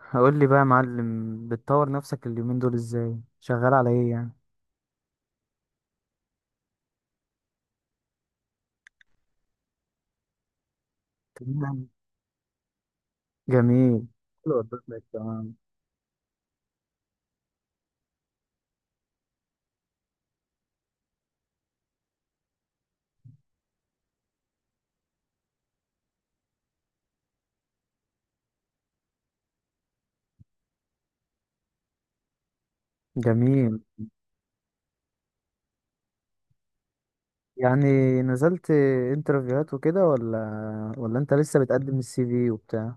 هقول لي بقى يا معلم، بتطور نفسك اليومين دول ازاي؟ شغال على ايه يعني؟ تمام. جميل. حلو، ادتك. تمام. جميل. يعني نزلت انترفيوهات وكده ولا ولا انت لسه بتقدم السي في وبتاع؟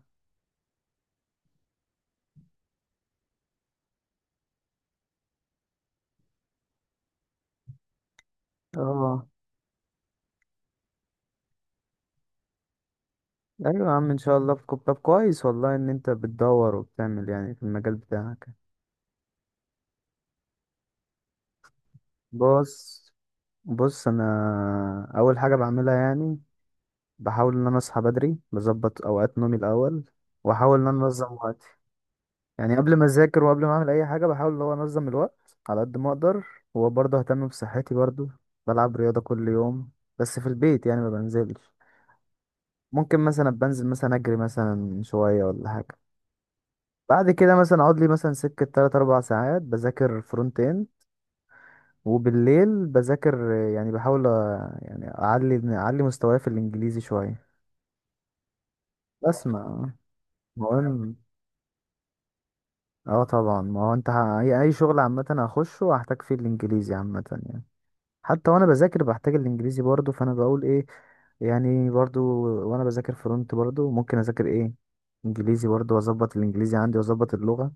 اه، ايوه يا عم ان شاء الله. في طب كويس والله ان انت بتدور وبتعمل يعني في المجال بتاعك. بص بص انا اول حاجه بعملها يعني بحاول ان انا اصحى بدري، بظبط اوقات نومي الاول، واحاول ان انا انظم وقتي. يعني قبل ما اذاكر وقبل ما اعمل اي حاجه، بحاول اللي هو انظم الوقت على قد ما اقدر. وبرضه اهتم بصحتي برضه، بلعب رياضه كل يوم، بس في البيت يعني، ما بنزلش. ممكن مثلا بنزل مثلا اجري مثلا شويه ولا حاجه. بعد كده مثلا اقعد لي مثلا سكه 3 4 ساعات بذاكر فرونت اند. وبالليل بذاكر، يعني بحاول يعني اعلي اعلي مستواي في الانجليزي شويه، بسمع. مهم. اه طبعا، ما هو انت اي أي شغل عامه هخشه هحتاج فيه الانجليزي عامه يعني. حتى وانا بذاكر بحتاج الانجليزي برضو، فانا بقول ايه يعني؟ برضو وانا بذاكر فرونت برضو ممكن اذاكر ايه؟ انجليزي برضو، واظبط الانجليزي عندي واظبط اللغة.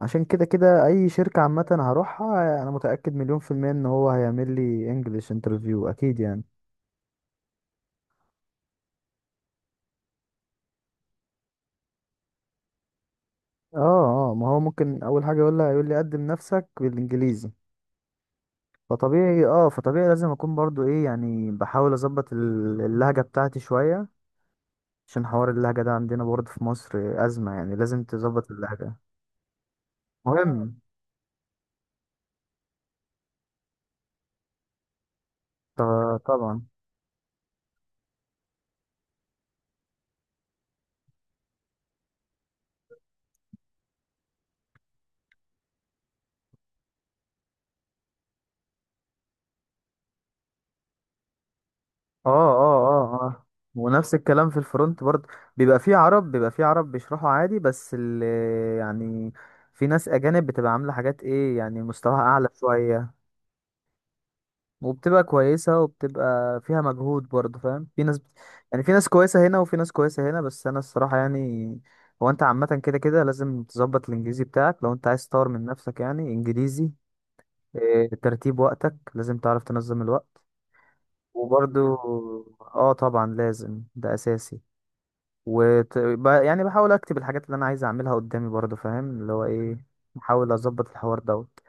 عشان كده كده اي شركة عامة هروحها انا متأكد مليون في المية ان هو هيعمل لي انجليش انترفيو اكيد يعني. اه اه، ما هو ممكن اول حاجة يقول لها، يقول لي قدم نفسك بالانجليزي. فطبيعي، فطبيعي لازم اكون برضو ايه يعني، بحاول اظبط اللهجة بتاعتي شوية. عشان حوار اللهجة ده عندنا برضو في مصر أزمة، يعني لازم تظبط اللهجة. مهم. ط- طبعا. اه، ونفس الكلام في الفرونت برضه، بيبقى فيه عرب، بيبقى فيه عرب بيشرحوا عادي، بس اللي يعني في ناس اجانب بتبقى عامله حاجات ايه يعني، مستواها اعلى شويه، وبتبقى كويسه وبتبقى فيها مجهود برضه، فاهم؟ في ناس يعني، في ناس كويسه هنا وفي ناس كويسه هنا. بس انا الصراحه يعني، هو انت عامه كده كده لازم تظبط الانجليزي بتاعك لو انت عايز تطور من نفسك، يعني انجليزي، ترتيب وقتك لازم تعرف تنظم الوقت. وبرضو اه طبعا لازم، ده اساسي. يعني بحاول اكتب الحاجات اللي انا عايز اعملها قدامي، برضو فاهم اللي هو ايه، بحاول اظبط الحوار دوت.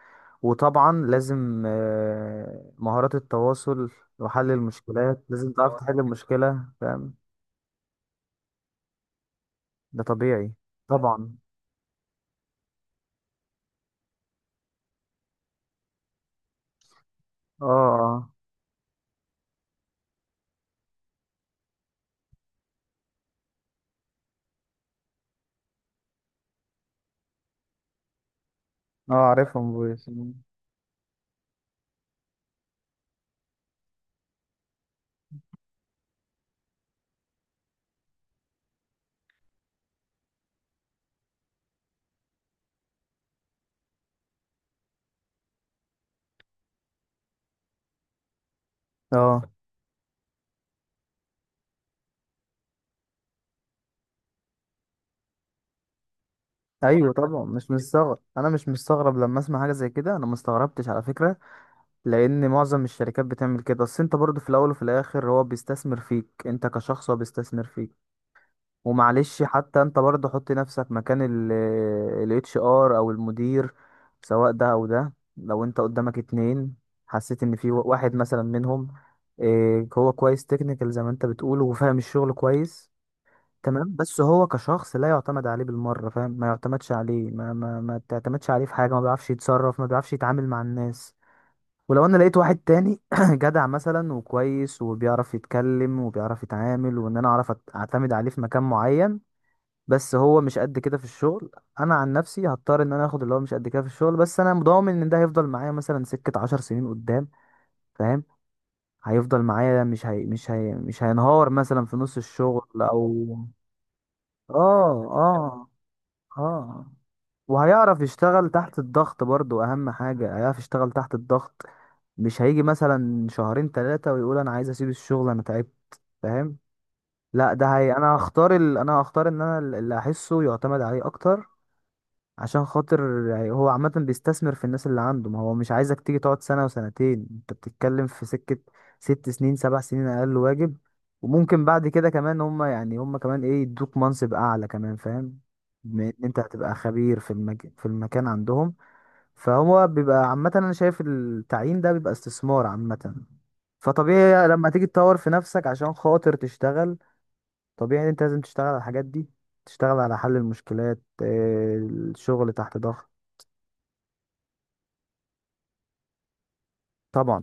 وطبعا لازم، مهارات التواصل وحل المشكلات، لازم تعرف تحل المشكلة، فاهم؟ ده طبيعي. طبعا اه اه. اه عارفهم بويز. اه ايوه طبعا، مش مستغرب. انا مش مستغرب لما اسمع حاجة زي كده، انا مستغربتش على فكرة. لان معظم الشركات بتعمل كده. بس انت برضو في الاول وفي الاخر هو بيستثمر فيك انت كشخص، هو بيستثمر فيك. ومعلش، حتى انت برضو حط نفسك مكان ال اتش ار او المدير. سواء ده او ده، لو انت قدامك اتنين، حسيت ان في واحد مثلا منهم، هو كويس تكنيكال زي ما انت بتقول وفاهم الشغل كويس، تمام، بس هو كشخص لا يعتمد عليه بالمرة، فاهم؟ ما يعتمدش عليه، ما تعتمدش عليه في حاجة، ما بيعرفش يتصرف، ما بيعرفش يتعامل مع الناس. ولو انا لقيت واحد تاني جدع مثلا وكويس وبيعرف يتكلم وبيعرف يتعامل، وان انا اعرف اعتمد عليه في مكان معين، بس هو مش قد كده في الشغل، انا عن نفسي هضطر ان انا اخد اللي هو مش قد كده في الشغل، بس انا مضامن ان ده هيفضل معايا مثلا سكة 10 سنين قدام، فاهم؟ هيفضل معايا، مش هينهار مثلا في نص الشغل او اه اه اه، وهيعرف يشتغل تحت الضغط برضو. اهم حاجة هيعرف يشتغل تحت الضغط، مش هيجي مثلا شهرين ثلاثة ويقول انا عايز اسيب الشغل انا تعبت، فاهم؟ لا، ده هي انا هختار ال... انا هختار ان انا اللي احسه يعتمد عليه اكتر، عشان خاطر يعني هو عامة بيستثمر في الناس اللي عنده. ما هو مش عايزك تيجي تقعد سنة وسنتين، انت بتتكلم في سكة 6 سنين 7 سنين اقل واجب. وممكن بعد كده كمان هم يعني هم كمان ايه، يدوك منصب اعلى كمان، فاهم؟ بما ان انت هتبقى خبير في في المكان عندهم. فهو بيبقى عامة، انا شايف التعيين ده بيبقى استثمار عامة. فطبيعي لما تيجي تطور في نفسك عشان خاطر تشتغل، طبيعي ان انت لازم تشتغل على الحاجات دي، تشتغل على حل المشكلات، الشغل تحت ضغط. طبعا.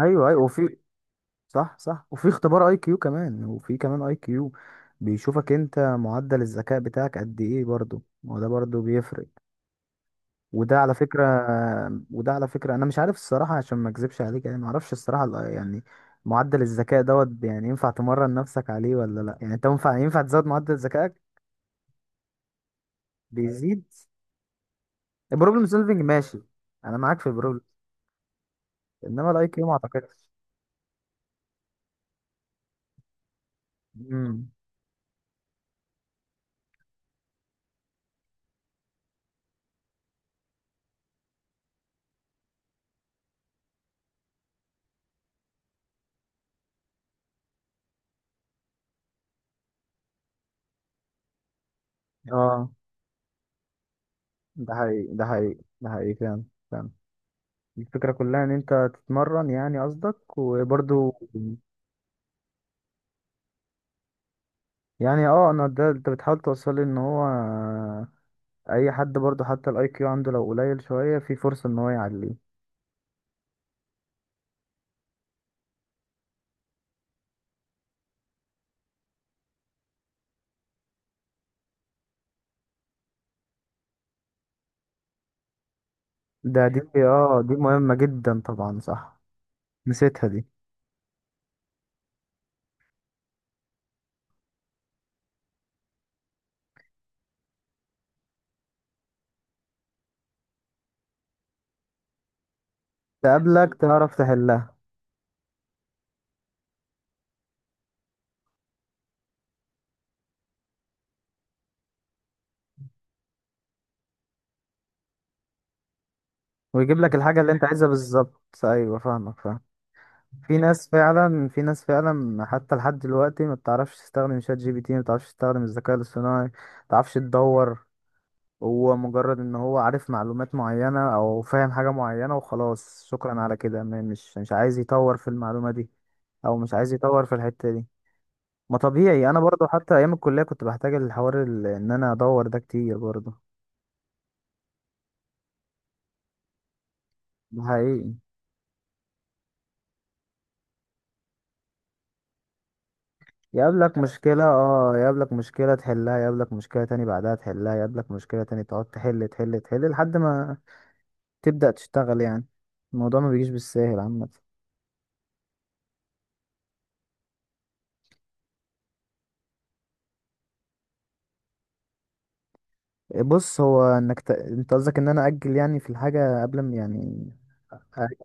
ايوه ايوه وفي، صح صح وفي اختبار اي كيو كمان، وفي كمان اي كيو بيشوفك انت معدل الذكاء بتاعك قد ايه، برضو ما هو ده برضو بيفرق. وده على فكرة وده على فكرة انا مش عارف الصراحة عشان ما اكذبش عليك، يعني ما اعرفش الصراحة يعني معدل الذكاء دوت يعني ينفع تمرن نفسك عليه ولا لا؟ يعني انت ينفع ينفع تزود معدل ذكائك؟ بيزيد. البروبلم سولفنج ماشي، انا معاك في البروبلم، انما الاي كيو ما اعتقدش. امم اه. ده حقيقي، ده حقيقي، ده حقيقي فعلا. الفكرة كلها ان انت تتمرن يعني قصدك؟ وبرضو يعني اه، انا ده انت بتحاول توصل لي ان هو اي حد برضو حتى الاي كيو عنده لو قليل شوية في فرصة ان هو يعليه. دي اه دي مهمة جدا طبعا صح، نسيتها دي. تقابلك تعرف تحلها، ويجيب لك الحاجة اللي انت عايزها بالظبط، ايوه فاهمك فاهم. في ناس فعلا، في ناس فعلا حتى لحد دلوقتي ما بتعرفش تستخدم شات جي بي تي، ما بتعرفش تستخدم الذكاء الاصطناعي، ما بتعرفش تدور. هو مجرد ان هو عارف معلومات معينة او فاهم حاجة معينة وخلاص، شكرا على كده. مش عايز يطور في المعلومة دي، او مش عايز يطور في الحتة دي. ما طبيعي انا برضو، حتى ايام الكلية كنت بحتاج الحوار ان انا ادور ده كتير برضو. ده حقيقي. يقابلك مشكلة، اه يقابلك مشكلة تحلها، يقابلك مشكلة تاني بعدها تحلها، يقابلك مشكلة تاني تقعد تحل تحل تحل لحد ما تبدأ تشتغل يعني. الموضوع ما بيجيش بالساهل عامة. بص، هو انك انت قصدك ان انا اجل يعني في الحاجه قبل ما يعني أ-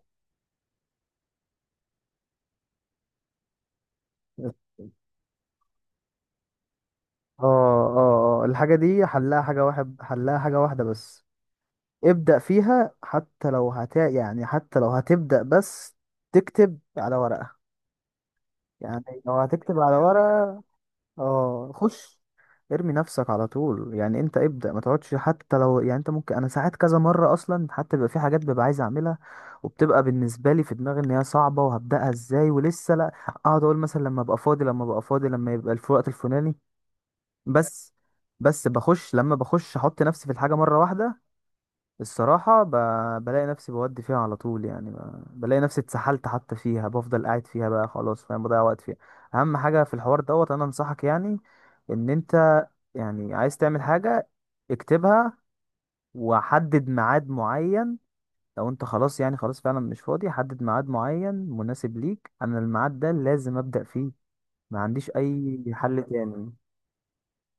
اه؟ اه اه، الحاجه دي حلها حاجه واحد، حلها حاجه واحده بس، ابدا فيها. حتى لو يعني حتى لو هتبدا بس تكتب على ورقه، يعني لو هتكتب على ورقه اه، خش، ارمي نفسك على طول يعني. انت ابدأ، ما تقعدش. حتى لو يعني، انت ممكن انا ساعات كذا مرة اصلا حتى بيبقى في حاجات ببقى عايز اعملها، وبتبقى بالنسبة لي في دماغي ان هي صعبة وهبدأها ازاي ولسه لا، اقعد اقول مثلا لما ابقى فاضي لما ابقى فاضي لما يبقى الوقت الفلاني. بس، بس بخش. لما بخش احط نفسي في الحاجة مرة واحدة، الصراحة بلاقي نفسي بودي فيها على طول، يعني بلاقي نفسي اتسحلت حتى فيها، بفضل قاعد فيها بقى خلاص، فاهم؟ بضيع وقت فيها. اهم حاجة في الحوار دوت انا انصحك يعني، ان انت يعني عايز تعمل حاجة، اكتبها، وحدد ميعاد معين. لو انت خلاص يعني خلاص فعلا مش فاضي، حدد ميعاد معين مناسب ليك، انا الميعاد ده لازم ابدأ فيه، ما عنديش اي حل تاني.